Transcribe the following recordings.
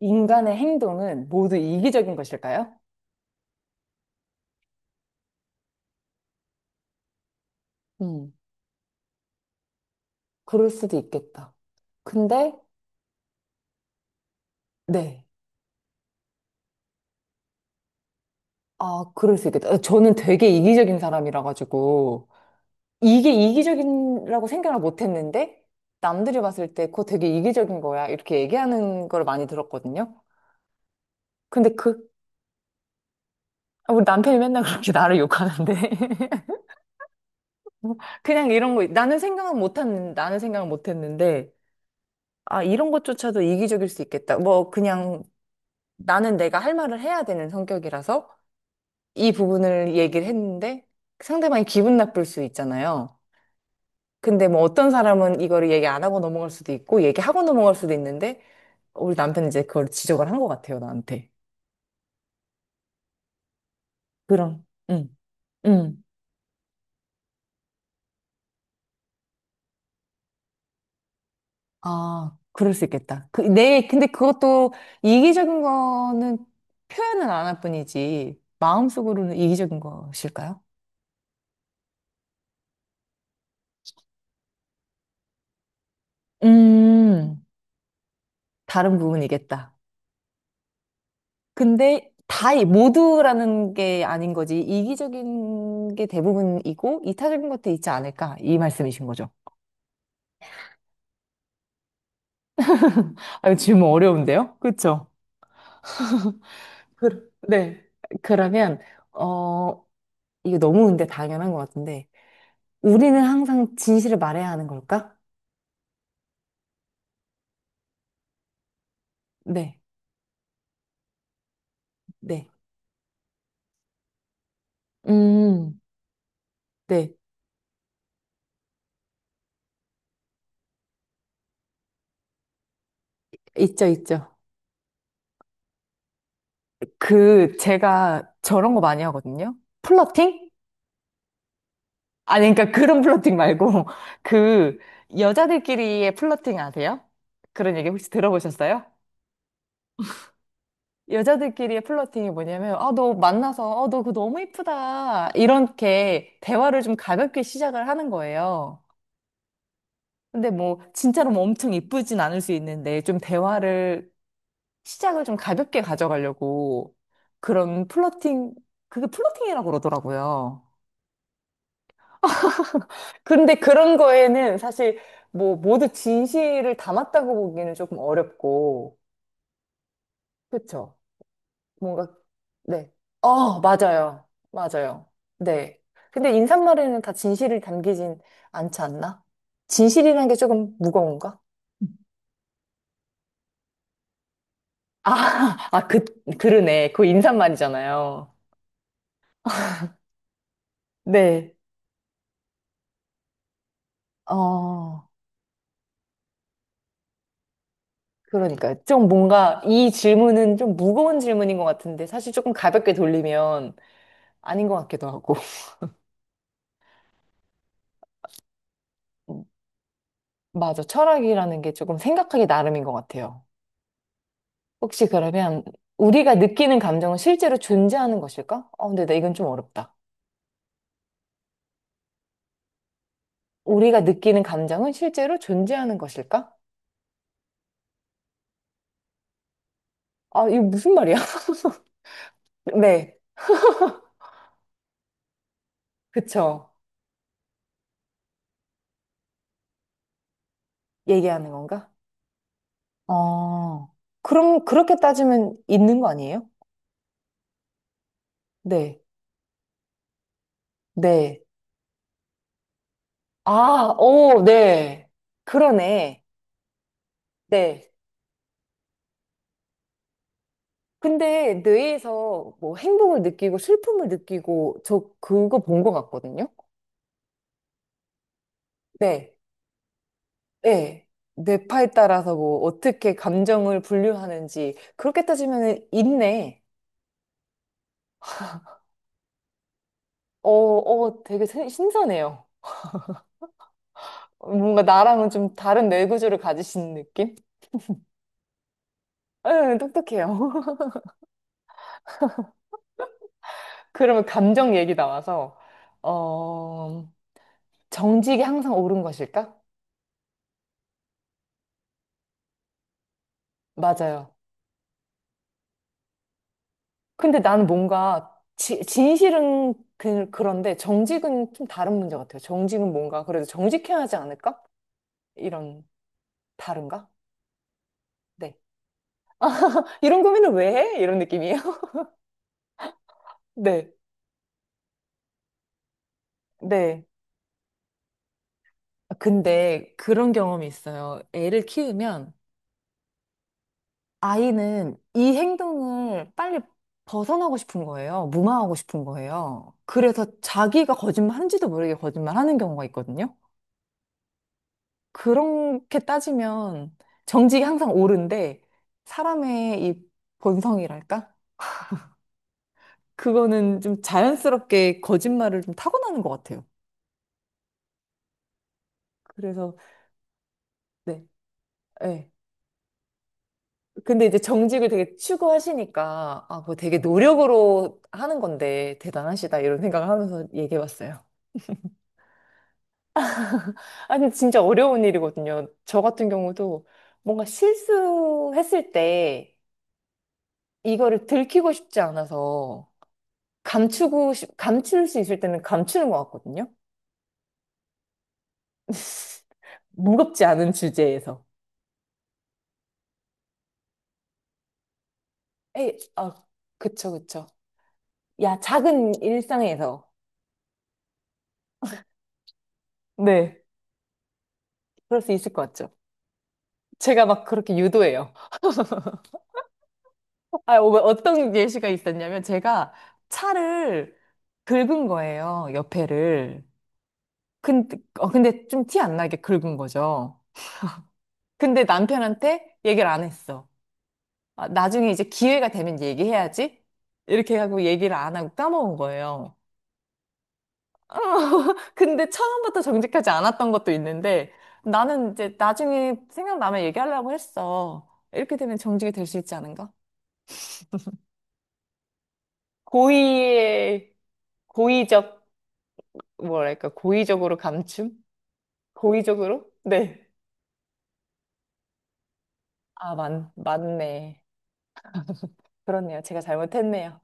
인간의 행동은 모두 이기적인 것일까요? 음. 그럴 수도 있겠다. 근데, 네. 그럴 수 있겠다. 저는 되게 이기적인 사람이라 가지고, 이게 이기적이라고 생각을 못 했는데, 남들이 봤을 때 그거 되게 이기적인 거야. 이렇게 얘기하는 걸 많이 들었거든요. 근데 그, 아, 우리 남편이 맨날 그렇게 나를 욕하는데. 그냥 이런 거, 나는 생각은 못 했는데, 아, 이런 것조차도 이기적일 수 있겠다. 뭐, 그냥 나는 내가 할 말을 해야 되는 성격이라서 이 부분을 얘기를 했는데 상대방이 기분 나쁠 수 있잖아요. 근데 뭐 어떤 사람은 이거를 얘기 안 하고 넘어갈 수도 있고 얘기하고 넘어갈 수도 있는데 우리 남편이 이제 그걸 지적을 한 것 같아요, 나한테. 그럼, 응, 응. 그럴 수 있겠다. 근데 그것도 이기적인 거는 표현은 안 할 뿐이지 마음속으로는 이기적인 것일까요? 음, 다른 부분이겠다. 근데 모두라는 게 아닌 거지. 이기적인 게 대부분이고, 이타적인 것도 있지 않을까. 이 말씀이신 거죠. 아, 질문 어려운데요? 그쵸? 그, 네. 그러면, 어, 이거 너무 근데 당연한 것 같은데, 우리는 항상 진실을 말해야 하는 걸까? 네, 네. 음, 네. 있죠, 있죠. 그, 제가 저런 거 많이 하거든요. 플러팅? 아니, 그러니까 그런 플러팅 말고, 그, 여자들끼리의 플러팅 아세요? 그런 얘기 혹시 들어보셨어요? 여자들끼리의 플러팅이 뭐냐면, 아, 너 만나서, 어, 너 그거 너무 이쁘다. 이렇게 대화를 좀 가볍게 시작을 하는 거예요. 근데 뭐, 진짜로 뭐 엄청 이쁘진 않을 수 있는데, 좀 대화를, 시작을 좀 가볍게 가져가려고, 그런 플러팅, 그게 플러팅이라고 그러더라고요. 그런데 그런 거에는 사실 뭐 모두 진실을 담았다고 보기는 조금 어렵고, 그쵸? 뭔가, 네. 어, 맞아요. 맞아요. 네. 근데 인사말에는 다 진실을 담기진 않지 않나? 진실이란 게 조금 무거운가? 아, 아, 그, 그러네. 그 인사말이잖아요. 네. 어, 그러니까. 좀 뭔가 이 질문은 좀 무거운 질문인 것 같은데, 사실 조금 가볍게 돌리면 아닌 것 같기도 하고. 맞아. 철학이라는 게 조금 생각하기 나름인 것 같아요. 혹시 그러면 우리가 느끼는 감정은 실제로 존재하는 것일까? 어, 근데 나 이건 좀 어렵다. 우리가 느끼는 감정은 실제로 존재하는 것일까? 아, 이거 무슨 말이야? 네, 그쵸. 얘기하는 건가? 어, 그럼 그렇게 따지면 있는 거 아니에요? 네, 네. 아, 오, 네. 그러네. 네. 근데 뇌에서 뭐 행복을 느끼고 슬픔을 느끼고 저 그거 본 것 같거든요. 네, 네. 뇌파에 따라서 뭐 어떻게 감정을 분류하는지 그렇게 따지면은 있네. 어, 어, 되게 신선해요. 뭔가 나랑은 좀 다른 뇌 구조를 가지신 느낌? 응, 똑똑해요. 그러면 감정 얘기 나와서 어, 정직이 항상 옳은 것일까? 맞아요. 근데 나는 뭔가 진실은 그, 그런데 정직은 좀 다른 문제 같아요. 정직은 뭔가 그래도 정직해야 하지 않을까? 이런 다른가? 네. 이런 고민을 왜 해? 이런 느낌이에요. 네, 네. 아, 근데 그런 경험이 있어요. 애를 키우면 아이는 이 행동을 빨리 벗어나고 싶은 거예요. 무마하고 싶은 거예요. 그래서 자기가 거짓말하는지도 모르게 거짓말하는 경우가 있거든요. 그렇게 따지면 정직이 항상 옳은데 사람의 이 본성이랄까? 그거는 좀 자연스럽게 거짓말을 좀 타고나는 것 같아요. 그래서 네, 네. 근데 이제 정직을 되게 추구하시니까, 아, 그 되게 노력으로 하는 건데, 대단하시다, 이런 생각을 하면서 얘기해 봤어요. 아니, 진짜 어려운 일이거든요. 저 같은 경우도 뭔가 실수했을 때, 이거를 들키고 싶지 않아서, 감출 수 있을 때는 감추는 것 같거든요. 무겁지 않은 주제에서. 에이, 아, 그쵸, 그쵸. 야, 작은 일상에서. 네. 그럴 수 있을 것 같죠. 제가 막 그렇게 유도해요. 아, 어, 어떤 예시가 있었냐면 제가 차를 긁은 거예요, 옆에를. 근데, 어, 근데 좀 티 안 나게 긁은 거죠. 근데 남편한테 얘기를 안 했어. 아, 나중에 이제 기회가 되면 얘기해야지. 이렇게 하고 얘기를 안 하고 까먹은 거예요. 어, 근데 처음부터 정직하지 않았던 것도 있는데 나는 이제 나중에 생각나면 얘기하려고 했어. 이렇게 되면 정직이 될 수 있지 않은가? 고의의 고의적 뭐랄까, 고의적으로 감춤? 고의적으로? 네. 맞네. 그렇네요. 제가 잘못했네요.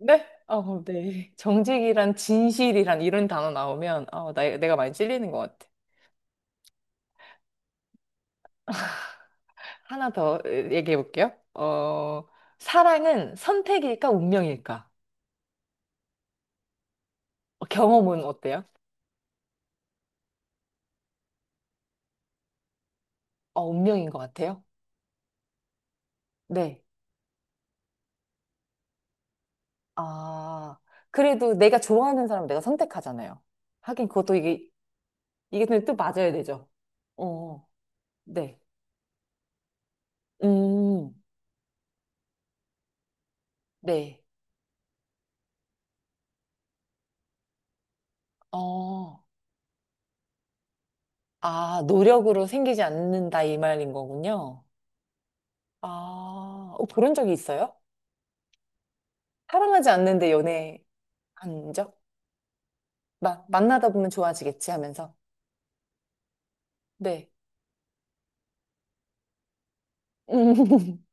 네? 어, 네. 정직이란, 진실이란 이런 단어 나오면, 내가 많이 찔리는 것 같아. 하나 더 얘기해 볼게요. 어, 사랑은 선택일까, 운명일까? 어, 경험은 어때요? 어, 운명인 것 같아요. 네. 아, 그래도 내가 좋아하는 사람을 내가 선택하잖아요. 하긴 그것도 이게, 이게 근데 또 맞아야 되죠. 어, 네. 음, 네. 어, 아, 노력으로 생기지 않는다 이 말인 거군요. 아, 어, 그런 적이 있어요? 사랑하지 않는데 연애한 적? 막 만나다 보면 좋아지겠지 하면서. 네. 음,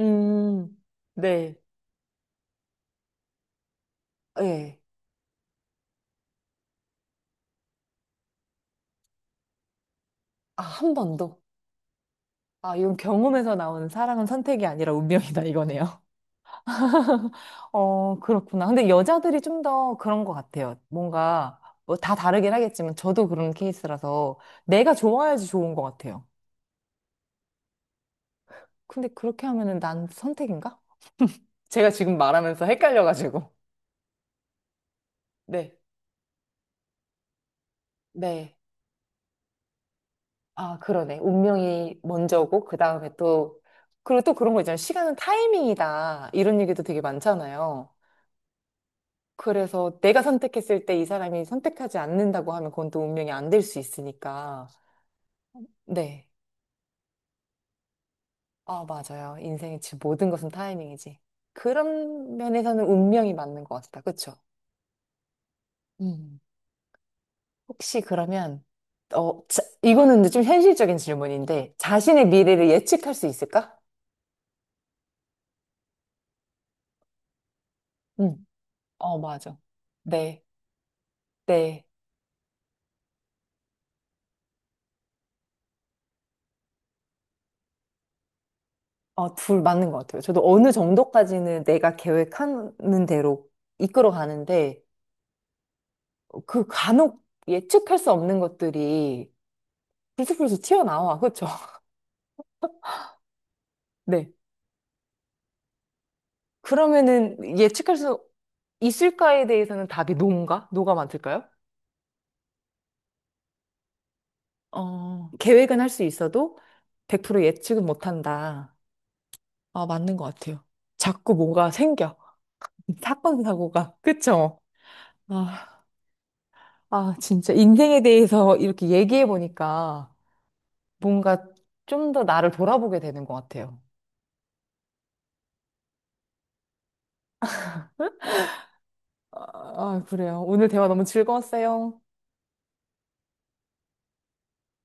음, 네. 예. 아, 한 번도. 아, 이건 경험에서 나온 사랑은 선택이 아니라 운명이다 이거네요. 어, 그렇구나. 근데 여자들이 좀 더 그런 것 같아요. 뭔가, 뭐 다 다르긴 하겠지만, 저도 그런 케이스라서, 내가 좋아야지 좋은 것 같아요. 근데 그렇게 하면은 난 선택인가? 제가 지금 말하면서 헷갈려가지고. 네, 네. 아, 그러네. 운명이 먼저고, 그 다음에 또, 그리고 또 그런 거 있잖아요. 시간은 타이밍이다. 이런 얘기도 되게 많잖아요. 그래서 내가 선택했을 때 이 사람이 선택하지 않는다고 하면 그건 또 운명이 안 될 수 있으니까. 네. 아, 맞아요. 인생의 모든 것은 타이밍이지. 그런 면에서는 운명이 맞는 것 같다. 그쵸? 음. 혹시 그러면, 이거는 근데 좀 현실적인 질문인데, 자신의 미래를 예측할 수 있을까? 음. 어, 맞아. 네, 네. 어, 둘 맞는 것 같아요. 저도 어느 정도까지는 내가 계획하는 대로 이끌어 가는데, 그 간혹 예측할 수 없는 것들이 불쑥불쑥 튀어나와. 그쵸? 네. 그러면은 예측할 수 있을까에 대해서는 답이 노인가? 노가 많을까요? 어, 계획은 할 수 있어도 100% 예측은 못한다. 아, 맞는 것 같아요. 자꾸 뭐가 생겨. 사건, 사고가. 그쵸? 아, 아, 진짜 인생에 대해서 이렇게 얘기해 보니까 뭔가 좀 더 나를 돌아보게 되는 것 같아요. 아, 아, 그래요. 오늘 대화 너무 즐거웠어요.